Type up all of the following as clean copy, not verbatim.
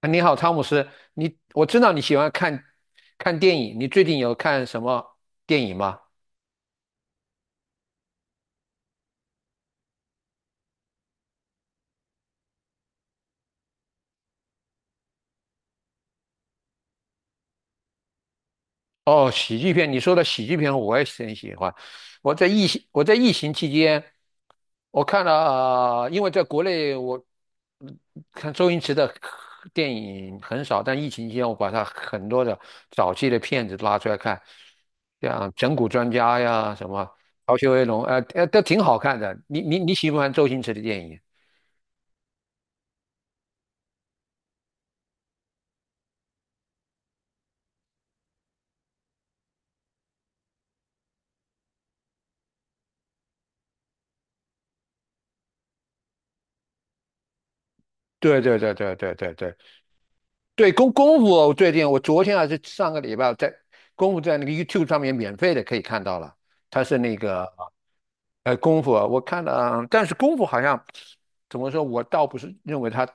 啊，你好，汤姆斯，我知道你喜欢看看电影，你最近有看什么电影吗？哦，喜剧片，你说的喜剧片我也是很喜欢。我在疫情期间，我看了，因为在国内我嗯看周星驰的电影很少，但疫情期间我把他很多的早期的片子拉出来看，像《整蛊专家》呀，什么《逃学威龙》，都挺好看的。你喜不喜欢周星驰的电影？对对对对对对对。对，功夫，我最近我昨天还是上个礼拜我在功夫在那个 YouTube 上面免费的可以看到了，他是那个功夫，我看了啊。但是功夫好像怎么说，我倒不是认为他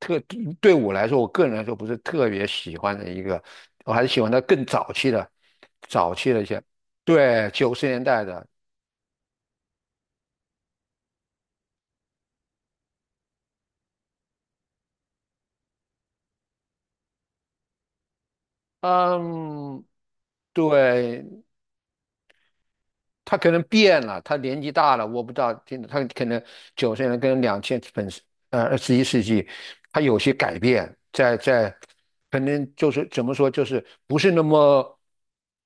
特对我来说，我个人来说不是特别喜欢的一个，我还是喜欢他更早期的，早期的一些。对，90年代的。嗯。对，他可能变了，他年纪大了，我不知道，听，他可能九十年跟两千本21世纪，他有些改变，在可能就是怎么说，就是不是那么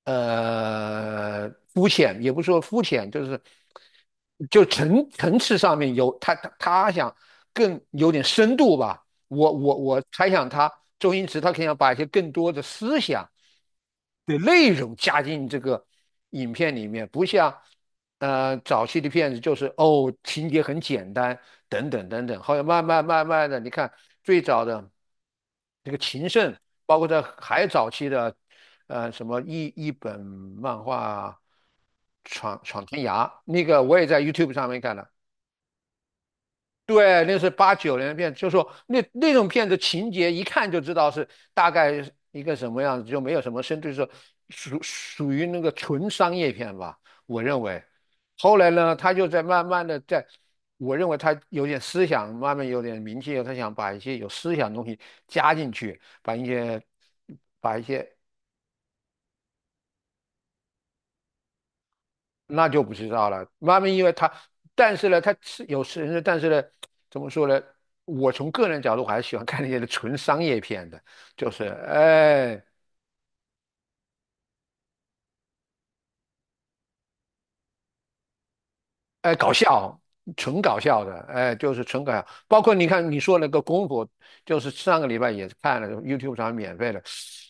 呃肤浅，也不是说肤浅，就是就层次上面有他想更有点深度吧。我猜想他，周星驰他肯定要把一些更多的思想的内容加进这个影片里面，不像早期的片子就是情节很简单等等等等。后来慢慢慢慢的，你看最早的这个情圣，包括在还早期的什么一本漫画。闯天涯，那个我也在 YouTube 上面看了。对，那是89年的片，就说那种片子情节一看就知道是大概一个什么样子，就没有什么深度，就是属于那个纯商业片吧，我认为。后来呢，他就在慢慢的在，我认为他有点思想，慢慢有点名气以后他想把一些有思想的东西加进去，把一些。那就不知道了。妈咪，因为他，但是呢，他是有人的。但是呢，怎么说呢？我从个人角度，我还是喜欢看那些纯商业片的，就是哎，哎，搞笑，纯搞笑的，哎，就是纯搞笑。包括你看你说那个功夫，就是上个礼拜也是看了 YouTube 上免费的。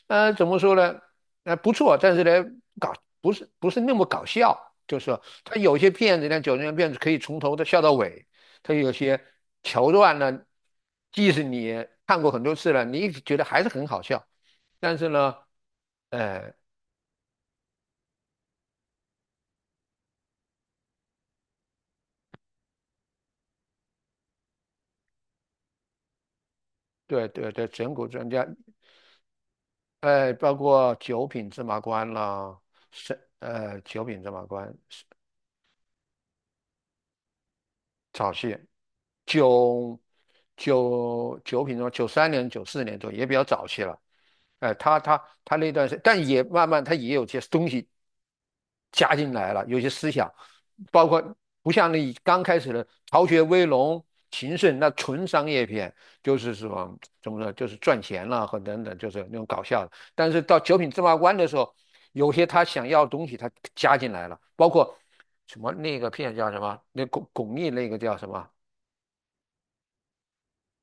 怎么说呢？不错。但是呢，搞不是不是那么搞笑，就是说他有些片子呢，九十年片子可以从头的笑到尾，他有些桥段呢，即使你看过很多次了，你觉得还是很好笑。但是呢，哎，对对对，整蛊专家。哎，包括九品芝麻官啦，是九品芝麻官早期，九九品芝麻93年94年左右也比较早期了。哎，他那段时，但也慢慢他也有些东西加进来了，有些思想，包括不像那刚开始的逃学威龙、秦胜那纯商业片，就是什么怎么说，就是赚钱了和等等，就是那种搞笑的。但是到九品芝麻官的时候，有些他想要的东西他加进来了，包括什么那个片叫什么，那巩俐那个叫什么，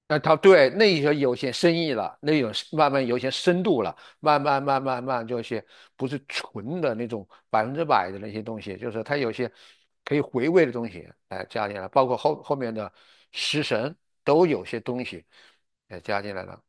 那他对那一些有些深意了，那有慢慢有些深度了，慢慢慢慢慢就是不是纯的那种100%的那些东西，就是他有些可以回味的东西，哎，加进来，包括后面的食神都有些东西哎加进来了。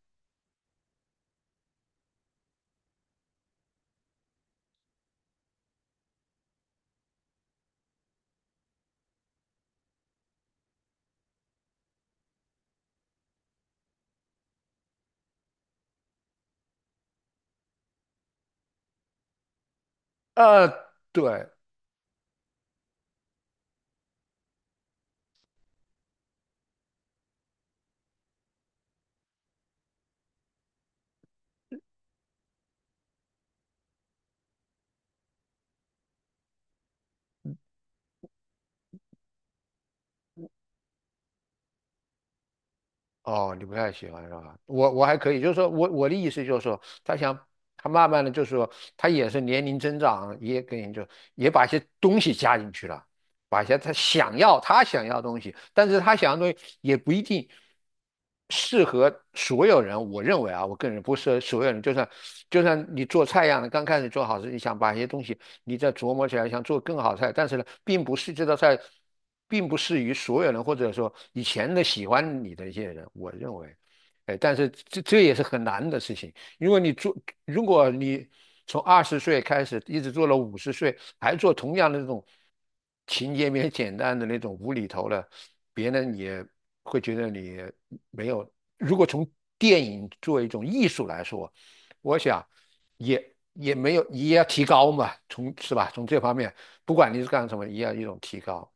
呃，对。哦，你不太喜欢是吧？我还可以，就是说我的意思就是说，他慢慢的就是说，他也是年龄增长，也给你就也把一些东西加进去了。把一些他想要的东西，但是他想要的东西也不一定适合所有人。我认为啊，我个人不适合所有人。就算你做菜一样的，刚开始做好时，你想把一些东西你再琢磨起来，想做更好菜。但是呢，并不是这道菜，并不适于所有人，或者说以前的喜欢你的一些人。我认为，哎，但是这也是很难的事情。因为你做，如果你从20岁开始一直做了50岁，还做同样的那种情节面简单的那种无厘头的，别人也会觉得你没有。如果从电影作为一种艺术来说，我想也没有，也要提高嘛，从是吧？从这方面，不管你是干什么，也要一种提高。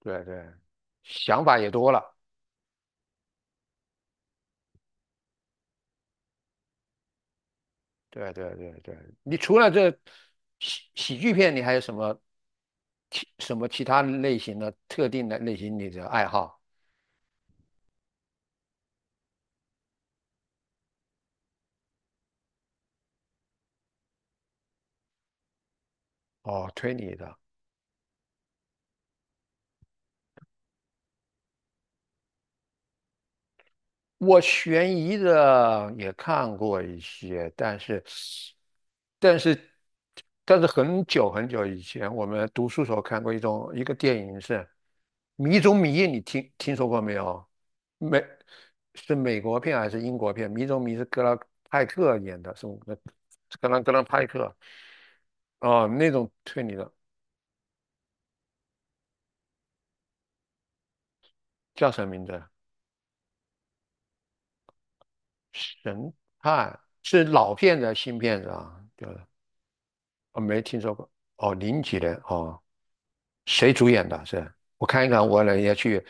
对对，想法也多了。对对对对，你除了这喜剧片，你还有什么什么其他类型的特定的类型你的爱好？哦，推理的。我悬疑的也看过一些，但是，但是，但是很久很久以前，我们读书时候看过一个电影是《迷踪迷》，你听说过没有？美是美国片还是英国片？《迷踪迷》是格兰派克演的，是格兰派克。哦，那种推理的叫什么名字？神探是老片子还是新片子啊？对。我没听说过。哦，零几年哦，谁主演的？是我看一看，我呢也去，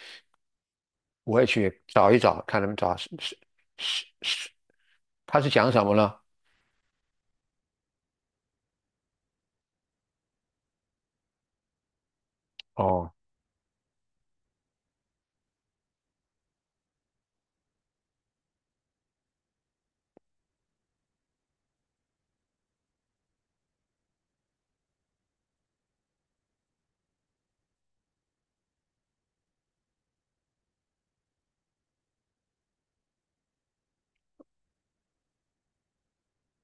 我也去找一找，看能不能找是，他是讲什么呢？哦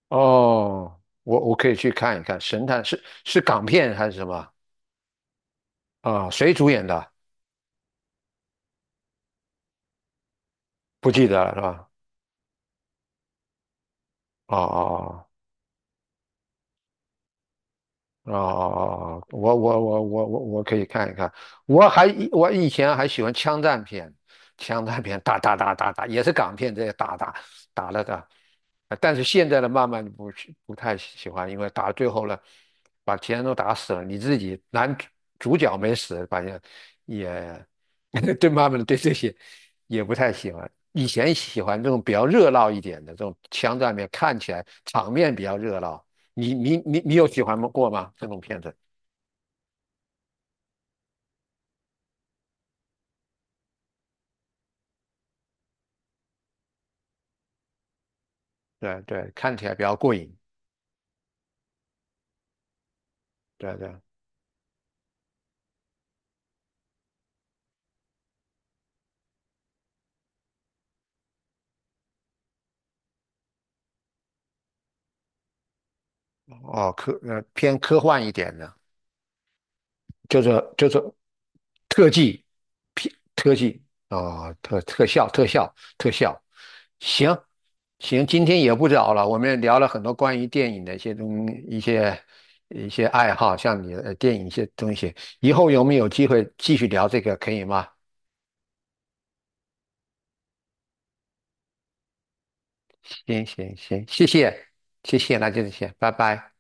哦，我可以去看一看，神探是港片还是什么？啊、谁主演的？不记得了是吧？哦哦哦。哦哦哦，哦我可以看一看。我还我以前还喜欢枪战片，枪战片打打打打打，也是港片这些打打打了打。但是现在的慢慢不太喜欢，因为打到最后了，把其他人都打死了，你自己主角没死，反正也 对慢慢的对这些也不太喜欢。以前喜欢这种比较热闹一点的这种枪战片，看起来场面比较热闹。你有喜欢过吗？这种片子？对对，看起来比较过瘾。对对，哦，偏科幻一点的，就是特技，偏特技。哦，特效。行行，今天也不早了，我们也聊了很多关于电影的一些东一些一些爱好，像你的电影一些东西。以后有没有机会继续聊这个，可以吗？行行行，谢谢谢谢，那就这些，拜拜。